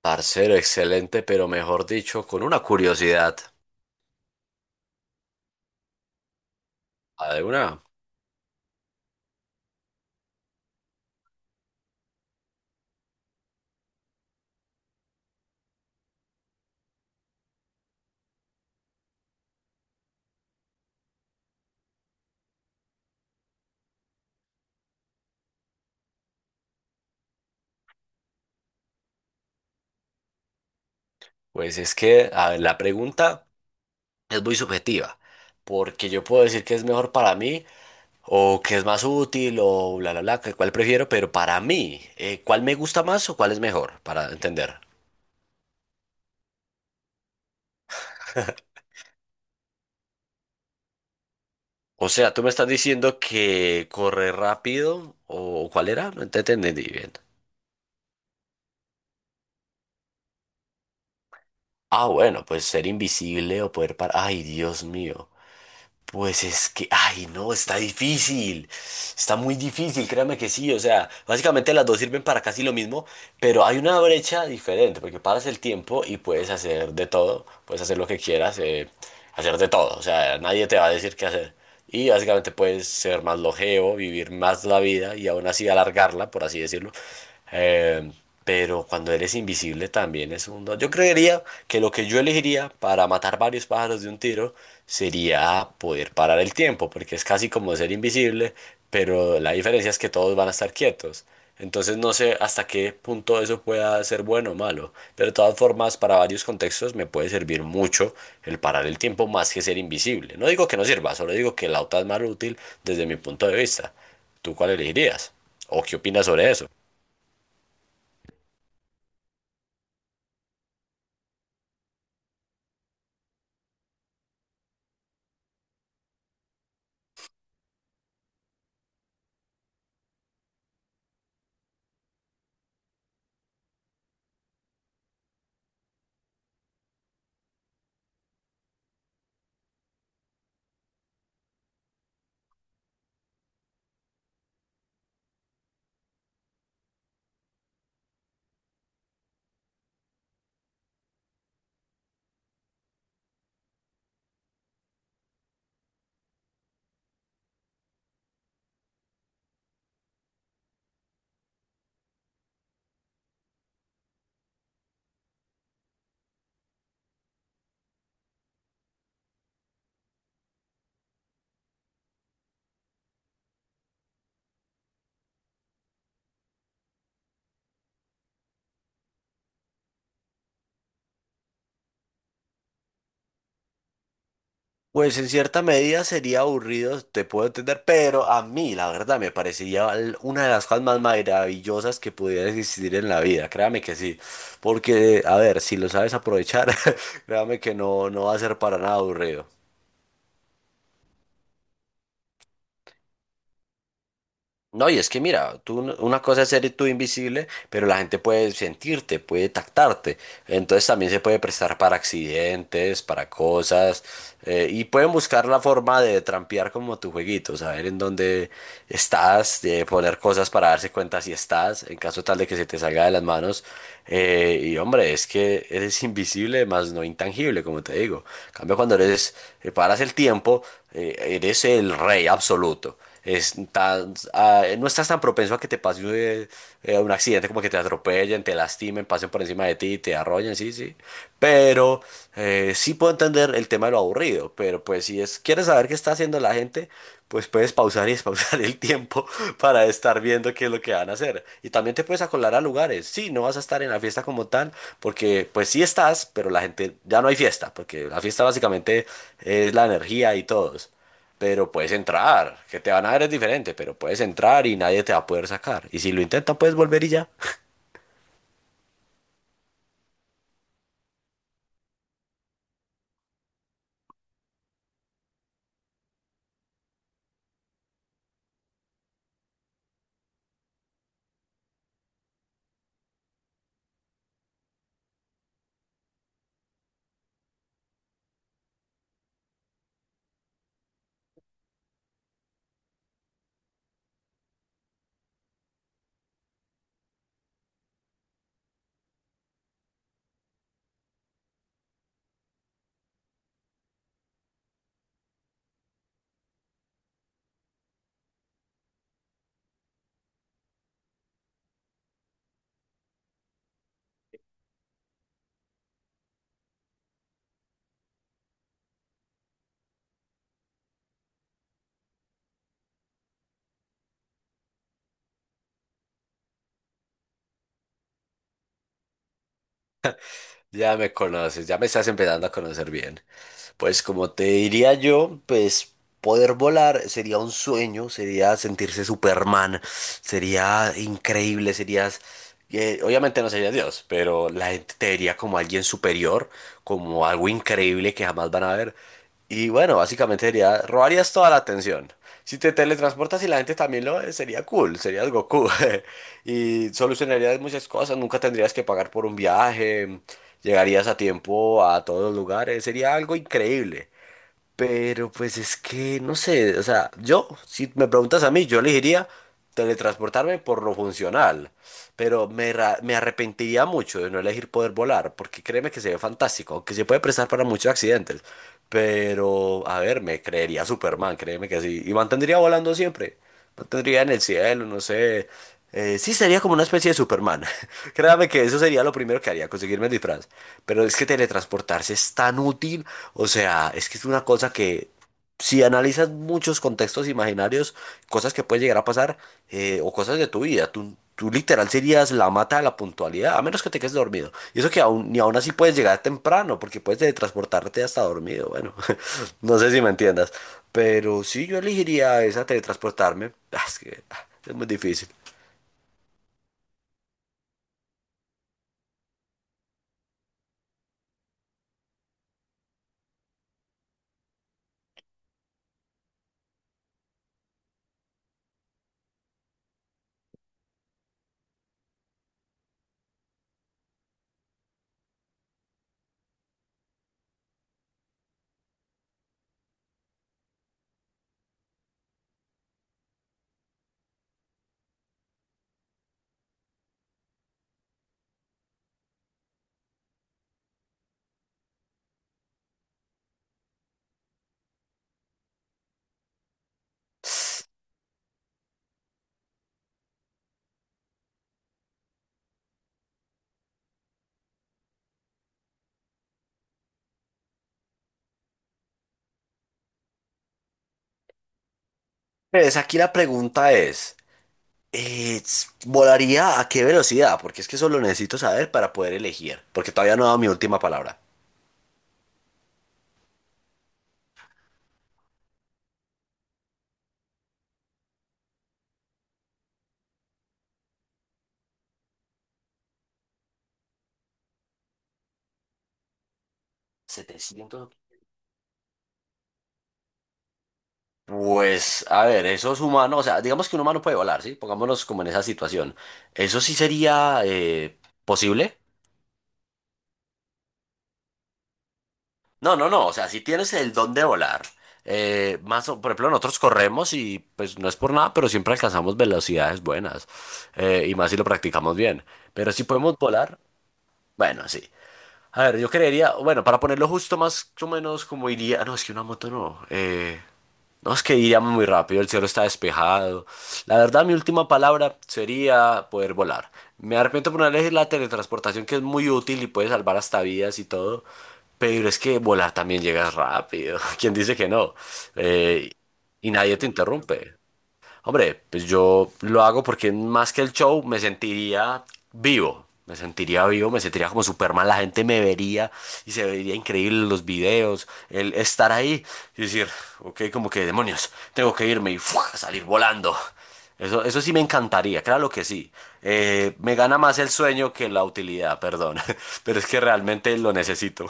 Parcero, excelente, pero mejor dicho, con una curiosidad. A ver, una, pues es que, a ver, la pregunta es muy subjetiva, porque yo puedo decir que es mejor para mí, o que es más útil, o bla, bla, bla, que cuál prefiero, pero para mí, ¿cuál me gusta más o cuál es mejor? Para entender. O sea, tú me estás diciendo que correr rápido, o ¿cuál era? No te entendí bien. Ah, bueno, pues ser invisible o poder parar. Ay, Dios mío. Pues es que, ay, no, está difícil. Está muy difícil, créame que sí. O sea, básicamente las dos sirven para casi lo mismo, pero hay una brecha diferente, porque paras el tiempo y puedes hacer de todo, puedes hacer lo que quieras, hacer de todo, o sea, nadie te va a decir qué hacer. Y básicamente puedes ser más longevo, vivir más la vida y aún así alargarla, por así decirlo. Eh, pero cuando eres invisible también es un don. Yo creería que lo que yo elegiría para matar varios pájaros de un tiro sería poder parar el tiempo, porque es casi como ser invisible, pero la diferencia es que todos van a estar quietos. Entonces no sé hasta qué punto eso pueda ser bueno o malo, pero de todas formas para varios contextos me puede servir mucho el parar el tiempo más que ser invisible. No digo que no sirva, solo digo que la otra es más útil desde mi punto de vista. ¿Tú cuál elegirías? ¿O qué opinas sobre eso? Pues en cierta medida sería aburrido, te puedo entender, pero a mí la verdad me parecería una de las cosas más maravillosas que pudiera existir en la vida, créame que sí, porque a ver, si lo sabes aprovechar, créame que no, no va a ser para nada aburrido. No, y es que mira, tú, una cosa es ser tú invisible, pero la gente puede sentirte, puede tactarte. Entonces también se puede prestar para accidentes, para cosas, y pueden buscar la forma de trampear como tu jueguito, saber en dónde estás, de poner cosas para darse cuenta si estás, en caso tal de que se te salga de las manos. Y hombre, es que eres invisible, más no intangible, como te digo. En cambio, paras el tiempo, eres el rey absoluto no estás tan propenso a que te pase un accidente como que te atropellen, te lastimen, pasen por encima de ti, te arrollen, sí, sí. Pero sí puedo entender el tema de lo aburrido, pero pues si es, quieres saber qué está haciendo la gente, pues puedes pausar y despausar el tiempo para estar viendo qué es lo que van a hacer. Y también te puedes acolar a lugares. Sí, no vas a estar en la fiesta como tal, porque pues sí estás, pero la gente, ya no hay fiesta, porque la fiesta básicamente es la energía y todos, pero puedes entrar, que te van a ver es diferente, pero puedes entrar y nadie te va a poder sacar. Y si lo intentas, puedes volver y ya. Ya me conoces, ya me estás empezando a conocer bien. Pues como te diría yo, pues poder volar sería un sueño, sería sentirse Superman, sería increíble, obviamente no serías Dios, pero la gente te vería como alguien superior, como algo increíble que jamás van a ver. Y bueno, básicamente robarías toda la atención. Si te teletransportas y la gente también lo ve, sería cool, serías Goku. Y solucionarías muchas cosas, nunca tendrías que pagar por un viaje, llegarías a tiempo a todos los lugares, sería algo increíble. Pero pues es que, no sé, o sea, yo, si me preguntas a mí, yo elegiría teletransportarme por lo funcional, pero me arrepentiría mucho de no elegir poder volar, porque créeme que se ve fantástico, aunque se puede prestar para muchos accidentes. Pero, a ver, me creería Superman, créeme que sí. Y mantendría volando siempre. Mantendría en el cielo, no sé. Sí, sería como una especie de Superman. Créame que eso sería lo primero que haría, conseguirme el disfraz. Pero es que teletransportarse es tan útil. O sea, es que es una cosa que si analizas muchos contextos imaginarios, cosas que pueden llegar a pasar, o cosas de tu vida, tú literal serías la mata de la puntualidad, a menos que te quedes dormido. Y eso que aún, ni aún así puedes llegar temprano, porque puedes teletransportarte hasta dormido. Bueno, no sé si me entiendas, pero sí yo elegiría esa teletransportarme. Es que es muy difícil. Pues aquí la pregunta es, ¿volaría a qué velocidad? Porque es que eso lo necesito saber para poder elegir, porque todavía no he dado mi última palabra. 700. Pues, a ver, esos humanos, o sea, digamos que un humano puede volar, ¿sí? Pongámonos como en esa situación. ¿Eso sí sería, posible? No, no, no, o sea, si tienes el don de volar, por ejemplo, nosotros corremos y pues no es por nada, pero siempre alcanzamos velocidades buenas, y más si lo practicamos bien. Pero si podemos volar, bueno, sí. A ver, yo creería, bueno, para ponerlo justo más o menos como iría, no, es que una moto no. No, es que iríamos muy rápido, el cielo está despejado. La verdad, mi última palabra sería poder volar. Me arrepiento por no elegir la teletransportación, que es muy útil y puede salvar hasta vidas y todo. Pero es que volar también llegas rápido. ¿Quién dice que no? Eh, y nadie te interrumpe. Hombre, pues yo lo hago porque más que el show me sentiría vivo, me sentiría vivo, me sentiría como Superman, la gente me vería y se vería increíble los videos, el estar ahí y decir, ok, como que demonios, tengo que irme y ¡fua! Salir volando. Eso sí me encantaría, claro que sí. Me gana más el sueño que la utilidad, perdón, pero es que realmente lo necesito.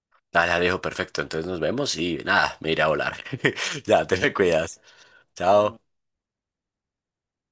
Dale, Alejo, perfecto, entonces nos vemos y nada, me iré a volar. Ya, te me cuidas. Chao.